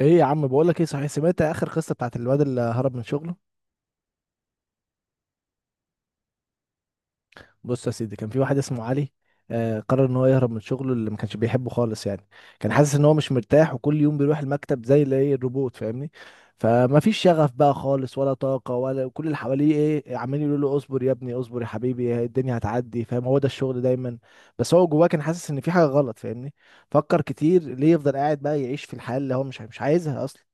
ايه يا عم، بقول لك ايه، صحيح سمعت اخر قصه بتاعت الواد اللي هرب من شغله؟ بص يا سيدي، كان في واحد اسمه علي. قرر ان هو يهرب من شغله اللي ما كانش بيحبه خالص يعني. كان حاسس ان هو مش مرتاح، وكل يوم بيروح المكتب زي اللي ايه، الروبوت، فاهمني؟ فما فيش شغف بقى خالص ولا طاقه، ولا كل اللي حواليه ايه عمالين يقولوا له اصبر يا ابني، اصبر يا حبيبي، الدنيا هتعدي، فاهم، هو ده الشغل دايما. بس هو جواه كان حاسس ان في حاجه غلط، فاهمني؟ فكر كتير ليه يفضل قاعد بقى يعيش في الحياه اللي هو مش عايزها اصلا.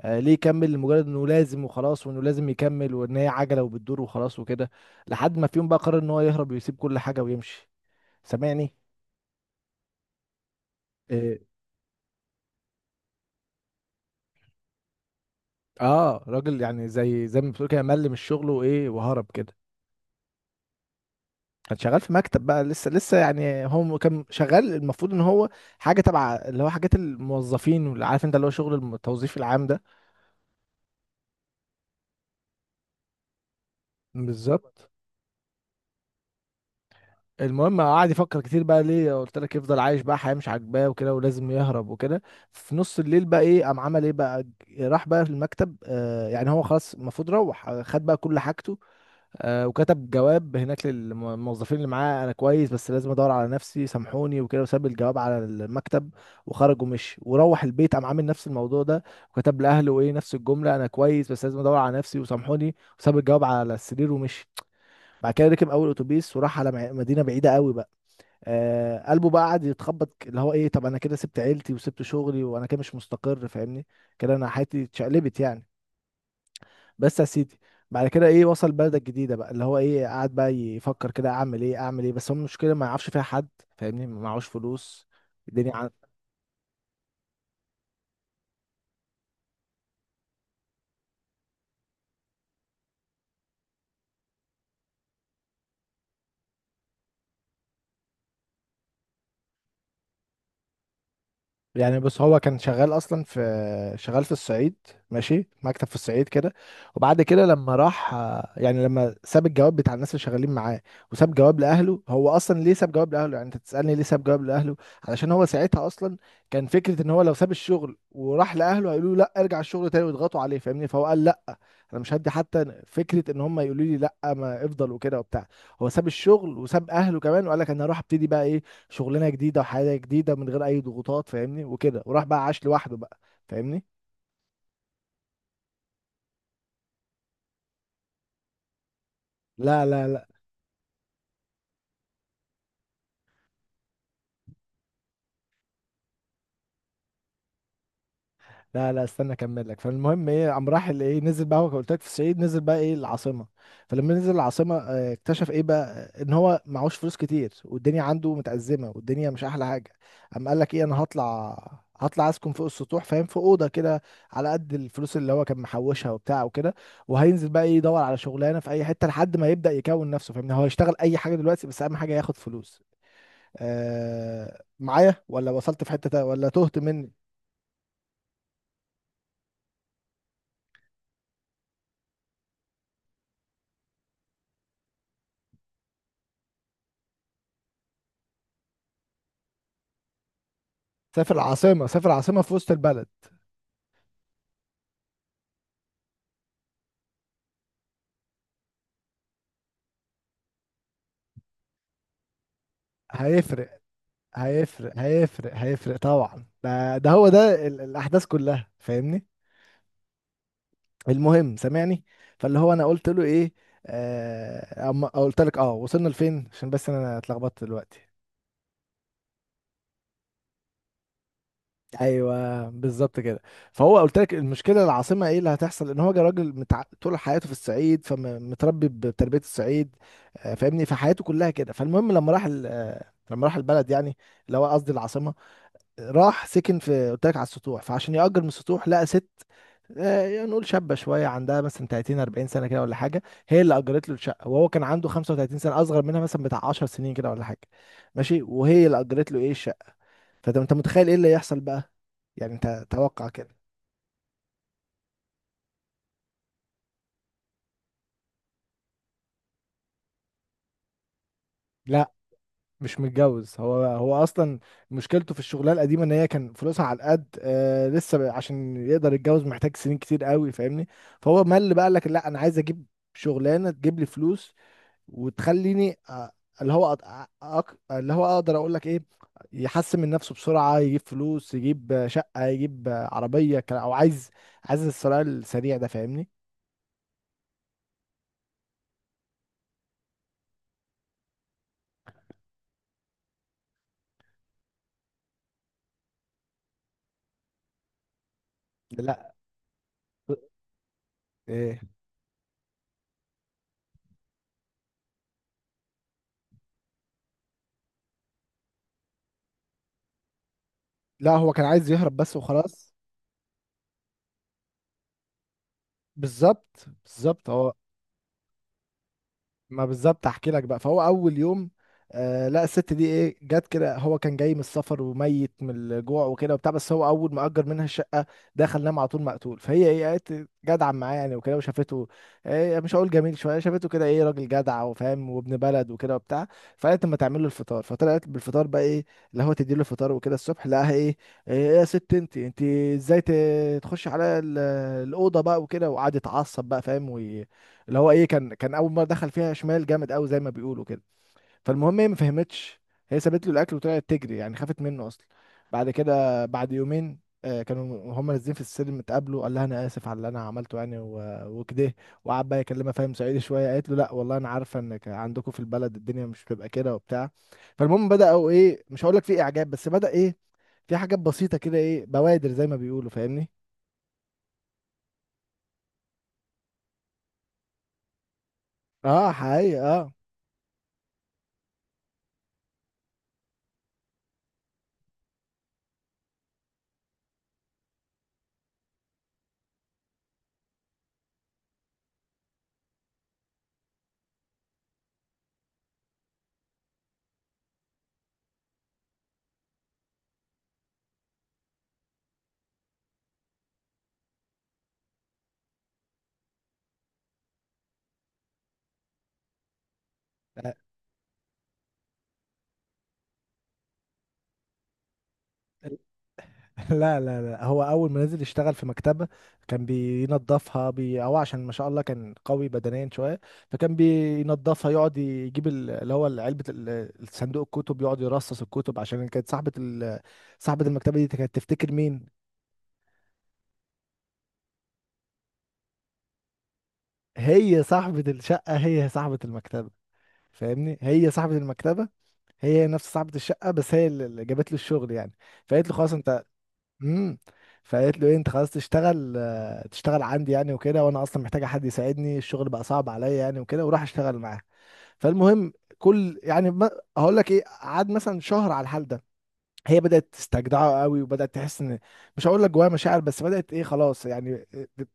ليه يكمل لمجرد انه لازم وخلاص، وانه لازم يكمل، وان هي عجله وبتدور وخلاص وكده. لحد ما في يوم بقى قرر ان هو يهرب ويسيب كل حاجه ويمشي. سامعني؟ إيه. اه راجل يعني زي ما بتقول كده، مل من الشغل وايه وهرب كده. كان شغال في مكتب بقى، لسه يعني، هو كان شغال، المفروض ان هو حاجه تبع اللي هو حاجات الموظفين، واللي عارف انت، اللي هو شغل التوظيف العام ده. بالظبط. المهم قعد يفكر كتير بقى، ليه قلت لك يفضل عايش بقى حياة مش عاجباه وكده، ولازم يهرب وكده. في نص الليل بقى ايه قام عمل ايه بقى، راح بقى المكتب، آه يعني هو خلاص المفروض روح، خد بقى كل حاجته. آه وكتب جواب هناك للموظفين اللي معاه: انا كويس بس لازم ادور على نفسي، سامحوني وكده، وساب الجواب على المكتب. وخرج ومشي وروح البيت، قام عامل نفس الموضوع ده وكتب لاهله ايه نفس الجملة: انا كويس بس لازم ادور على نفسي وسامحوني. وساب الجواب على السرير ومشي. بعد كده ركب اول اتوبيس وراح على مدينة بعيدة قوي بقى. آه قلبه بقى قعد يتخبط، اللي هو ايه، طب انا كده سبت عيلتي وسبت شغلي، وانا كده مش مستقر، فاهمني؟ كده انا حياتي اتشقلبت يعني. بس يا سيدي، بعد كده ايه وصل بلدة جديدة بقى، اللي هو ايه قعد بقى يفكر كده، اعمل ايه اعمل ايه، بس هو المشكلة ما يعرفش فيها حد، فاهمني؟ ما معهوش فلوس. الدنيا. يعني بص هو كان شغال اصلا في، شغال في الصعيد، ماشي، مكتب في الصعيد كده. وبعد كده لما راح، يعني لما ساب الجواب بتاع الناس اللي شغالين معاه، وساب جواب لاهله، هو اصلا ليه ساب جواب لاهله؟ يعني انت تسالني ليه ساب جواب لاهله؟ علشان هو ساعتها اصلا كان فكره ان هو لو ساب الشغل وراح لاهله هيقولوا له لا ارجع الشغل تاني، ويضغطوا عليه، فاهمني؟ فهو قال لا، انا مش هدي حتى فكره ان هم يقولوا لي لا ما افضل وكده وبتاع. هو ساب الشغل وساب اهله كمان، وقال لك انا هروح ابتدي بقى ايه، شغلانه جديده وحياه جديده من غير اي ضغوطات، فاهمني؟ وكده، وراح بقى عاش لوحده بقى، فاهمني؟ لا لا لا لا لا، استنى اكمل لك. فالمهم ايه قام راح ايه نزل بقى، هو قلت لك في الصعيد، نزل بقى ايه العاصمه. فلما نزل العاصمه، اكتشف ايه بقى. ان هو معهوش فلوس كتير، والدنيا عنده متأزمه، والدنيا مش احلى حاجه. قام قال لك ايه، انا هطلع، هطلع اسكن فوق السطوح، فاهم، في اوضه كده، على قد الفلوس اللي هو كان محوشها وبتاع وكده. وهينزل بقى ايه يدور على شغلانه في اي حته لحد ما يبدأ يكون نفسه، فاهمني؟ هو يشتغل اي حاجه دلوقتي، بس اهم حاجه ياخد فلوس. آه معايا ولا وصلت في ولا تهت مني؟ سافر العاصمة، سافر العاصمة في وسط البلد. هيفرق، هيفرق هيفرق هيفرق طبعا، ده هو ده الأحداث كلها، فاهمني؟ المهم، سامعني. فاللي هو أنا قلت له إيه، آه أما قلت لك أه وصلنا لفين، عشان بس أنا اتلخبطت دلوقتي. ايوه بالظبط كده. فهو قلت لك المشكله العاصمه، ايه اللي هتحصل، ان هو جا راجل متع... طول حياته في الصعيد، فمتربي بتربيه الصعيد، فاهمني؟ فحياته كلها كده. فالمهم لما راح ال... لما راح البلد يعني، اللي هو قصدي العاصمه، راح سكن في قلت لك على السطوح. فعشان يأجر من السطوح لقى ست، يعني نقول شابة شوية، عندها مثلا 30 40 سنة كده ولا حاجة. هي اللي أجرت له الشقة، وهو كان عنده 35 سنة، أصغر منها مثلا بتاع 10 سنين كده ولا حاجة. ماشي، وهي اللي أجرت له إيه الشقة. فأنت متخيل إيه اللي يحصل بقى؟ يعني أنت توقع كده. لا، مش متجوز، هو اصلا مشكلته في الشغلانه القديمه ان هي كان فلوسها على القد، آه عشان يقدر يتجوز محتاج سنين كتير قوي، فاهمني؟ فهو مل بقى، قال لك لا انا عايز اجيب شغلانه تجيب لي فلوس، وتخليني اللي هو اللي هو اقدر اقول لك ايه، يحسن من نفسه بسرعة، يجيب فلوس يجيب شقة يجيب عربية، او عايز، عايز الثراء السريع ده، فاهمني؟ لا. إيه. لا هو كان عايز يهرب بس وخلاص. بالظبط بالظبط، هو ما بالظبط احكي لك بقى. فهو اول يوم، آه لا الست دي ايه جت كده، هو كان جاي من السفر وميت من الجوع وكده وبتاع، بس هو اول ما اجر منها الشقه دخل نام على طول مقتول. فهي ايه قالت جدعه معاه يعني وكده، وشافته إيه مش هقول جميل شويه، شافته كده ايه راجل جدع وفاهم وابن بلد وكده وبتاع. فقالت اما تعمل له الفطار، فطلعت بالفطار بقى ايه، اللي هو تدي له الفطار وكده الصبح، لقاها ايه ايه يا ست، انت ازاي تخش على الاوضه بقى وكده. وقعد يتعصب بقى، فاهم، اللي هو ايه كان اول مره دخل فيها شمال جامد قوي زي ما بيقولوا كده. فالمهم هي ما فهمتش، هي سابت له الاكل وطلعت تجري يعني، خافت منه اصلا. بعد كده بعد يومين، كانوا هم نازلين في السلم اتقابلوا، قال لها انا اسف على اللي انا عملته يعني وكده. وقعد بقى يكلمها فاهم صعيدي شويه، قالت له لا والله انا عارفه انك عندكم في البلد الدنيا مش بتبقى كده وبتاع. فالمهم بداوا ايه، مش هقول لك في اعجاب، بس بدا ايه في حاجات بسيطه كده، ايه بوادر زي ما بيقولوا، فاهمني؟ اه حقيقي. اه. لا لا لا، هو اول ما نزل يشتغل في مكتبه، كان بينظفها بي او، عشان ما شاء الله كان قوي بدنيا شويه. فكان بينظفها، يقعد يجيب اللي هو علبه الصندوق الكتب، يقعد يرصص الكتب، عشان كانت صاحبه ال... صاحبه المكتبه دي كانت تفتكر مين. هي صاحبه الشقه هي صاحبه المكتبه، فاهمني؟ هي صاحبه المكتبه، هي نفس صاحبه الشقه، بس هي اللي جابت له الشغل يعني. فقالت له خلاص انت. امم فقالت له ايه انت خلاص تشتغل، تشتغل عندي يعني وكده، وانا اصلا محتاجه حد يساعدني الشغل بقى صعب عليا يعني وكده، وراح اشتغل معاه. فالمهم، كل يعني هقول لك ايه، قعد مثلا شهر على الحال ده، هي بدأت تستجدعه قوي، وبدأت تحس ان، مش هقول لك جواها مشاعر، بس بدأت ايه خلاص يعني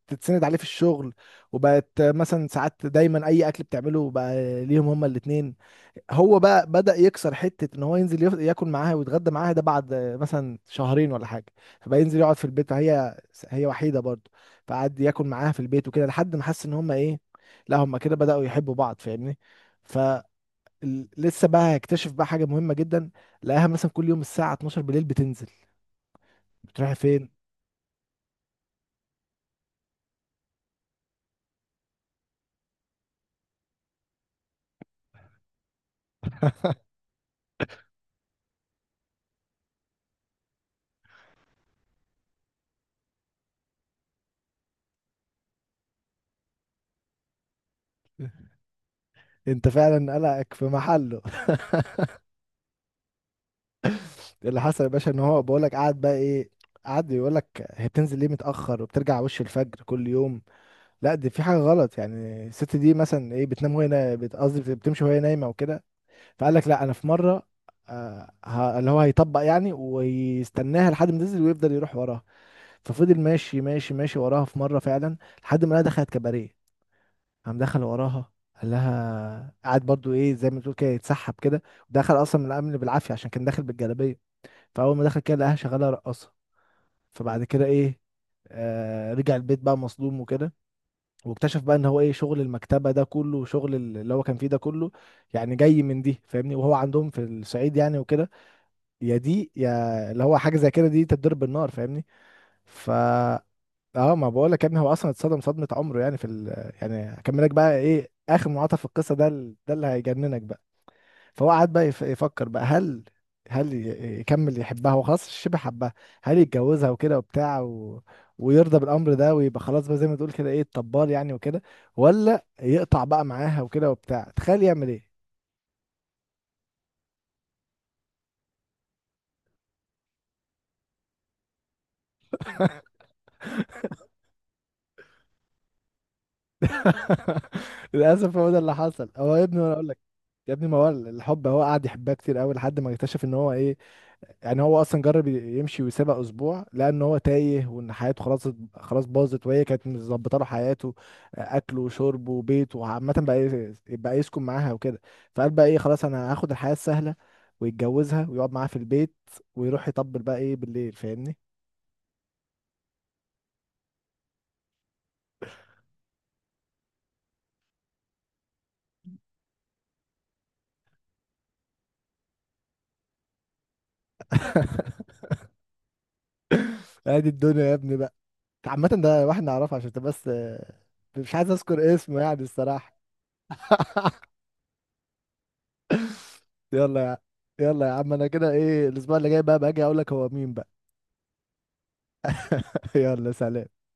تتسند عليه في الشغل. وبقت مثلا ساعات دايما اي اكل بتعمله بقى ليهم هما الاتنين. هو بقى بدأ يكسر حتة ان هو ينزل ياكل معاها ويتغدى معاها، ده بعد مثلا شهرين ولا حاجة. فبقى ينزل يقعد في البيت، فهي هي وحيدة برضه. فقعد ياكل معاها في البيت وكده، لحد ما حس ان هما ايه، لا هما كده بدأوا يحبوا بعض، فاهمني؟ ف لسه بقى هيكتشف بقى حاجة مهمة جدا. لقاها مثلا كل يوم الساعة 12 بالليل بتنزل، بتروح فين؟ انت فعلا قلقك في محله. اللي حصل يا باشا ان هو بقول لك قعد بقى ايه، قعد يقول لك هي بتنزل ليه متأخر وبترجع وش الفجر كل يوم، لا دي في حاجة غلط يعني، الست دي مثلا ايه بتنام وهي قصدي بتمشي وهي نايمة وكده. فقال لك لا انا في مرة، اللي هو هيطبق يعني ويستناها لحد ما تنزل ويفضل يروح وراها. ففضل ماشي ماشي ماشي وراها في مره، فعلا لحد ما لقاها دخلت كباريه، قام دخل وراها، قال لها قعد برضو ايه زي ما تقول كده يتسحب كده، دخل اصلا من الامن بالعافيه عشان كان داخل بالجلابيه. فاول ما دخل كده لقاها شغاله رقاصه. فبعد كده ايه، رجع البيت بقى مصدوم وكده، واكتشف بقى ان هو ايه شغل المكتبه ده كله، وشغل اللي هو كان فيه ده كله، يعني جاي من دي، فاهمني؟ وهو عندهم في الصعيد يعني وكده، يا دي يا اللي هو، حاجه زي كده دي تتضرب بالنار، فاهمني؟ ف، اه ما بقول لك يا ابني هو اصلا اتصدم صدمه عمره يعني في ال... يعني هكملك بقى ايه اخر منعطف في القصه ده، ده اللي هيجننك بقى. فهو قعد بقى يفكر بقى، هل، هل يكمل يحبها، هو خلاص شبه حبها، هل يتجوزها وكده وبتاع و... ويرضى بالامر ده، ويبقى خلاص بقى زي ما تقول كده ايه الطبال يعني وكده، ولا يقطع بقى معاها وكده وبتاع؟ تخيل يعمل ايه. للاسف هو ده اللي حصل. هو يا ابني وانا اقول لك يا ابني، ما هو الحب، هو قعد يحبها كتير قوي لحد ما اكتشف ان هو ايه. يعني هو اصلا جرب يمشي ويسيبها اسبوع، لان هو تايه، وان حياته خلاص، خلاص باظت، وهي كانت مظبطه له حياته، اكله وشربه وبيته، وعامه بقى بقى يسكن معاها وكده. فقال بقى ايه خلاص انا هاخد الحياه السهله، ويتجوزها ويقعد معاها في البيت، ويروح يطبل بقى ايه بالليل، فاهمني؟ ادي الدنيا يا ابني بقى. عامه ده واحد نعرفه، عشان تبقى بس، مش عايز اذكر اسمه يعني الصراحه. يلا يا، يلا يا عم انا كده ايه، الاسبوع اللي جاي بقى باجي اقول لك هو مين بقى. يلا سلام.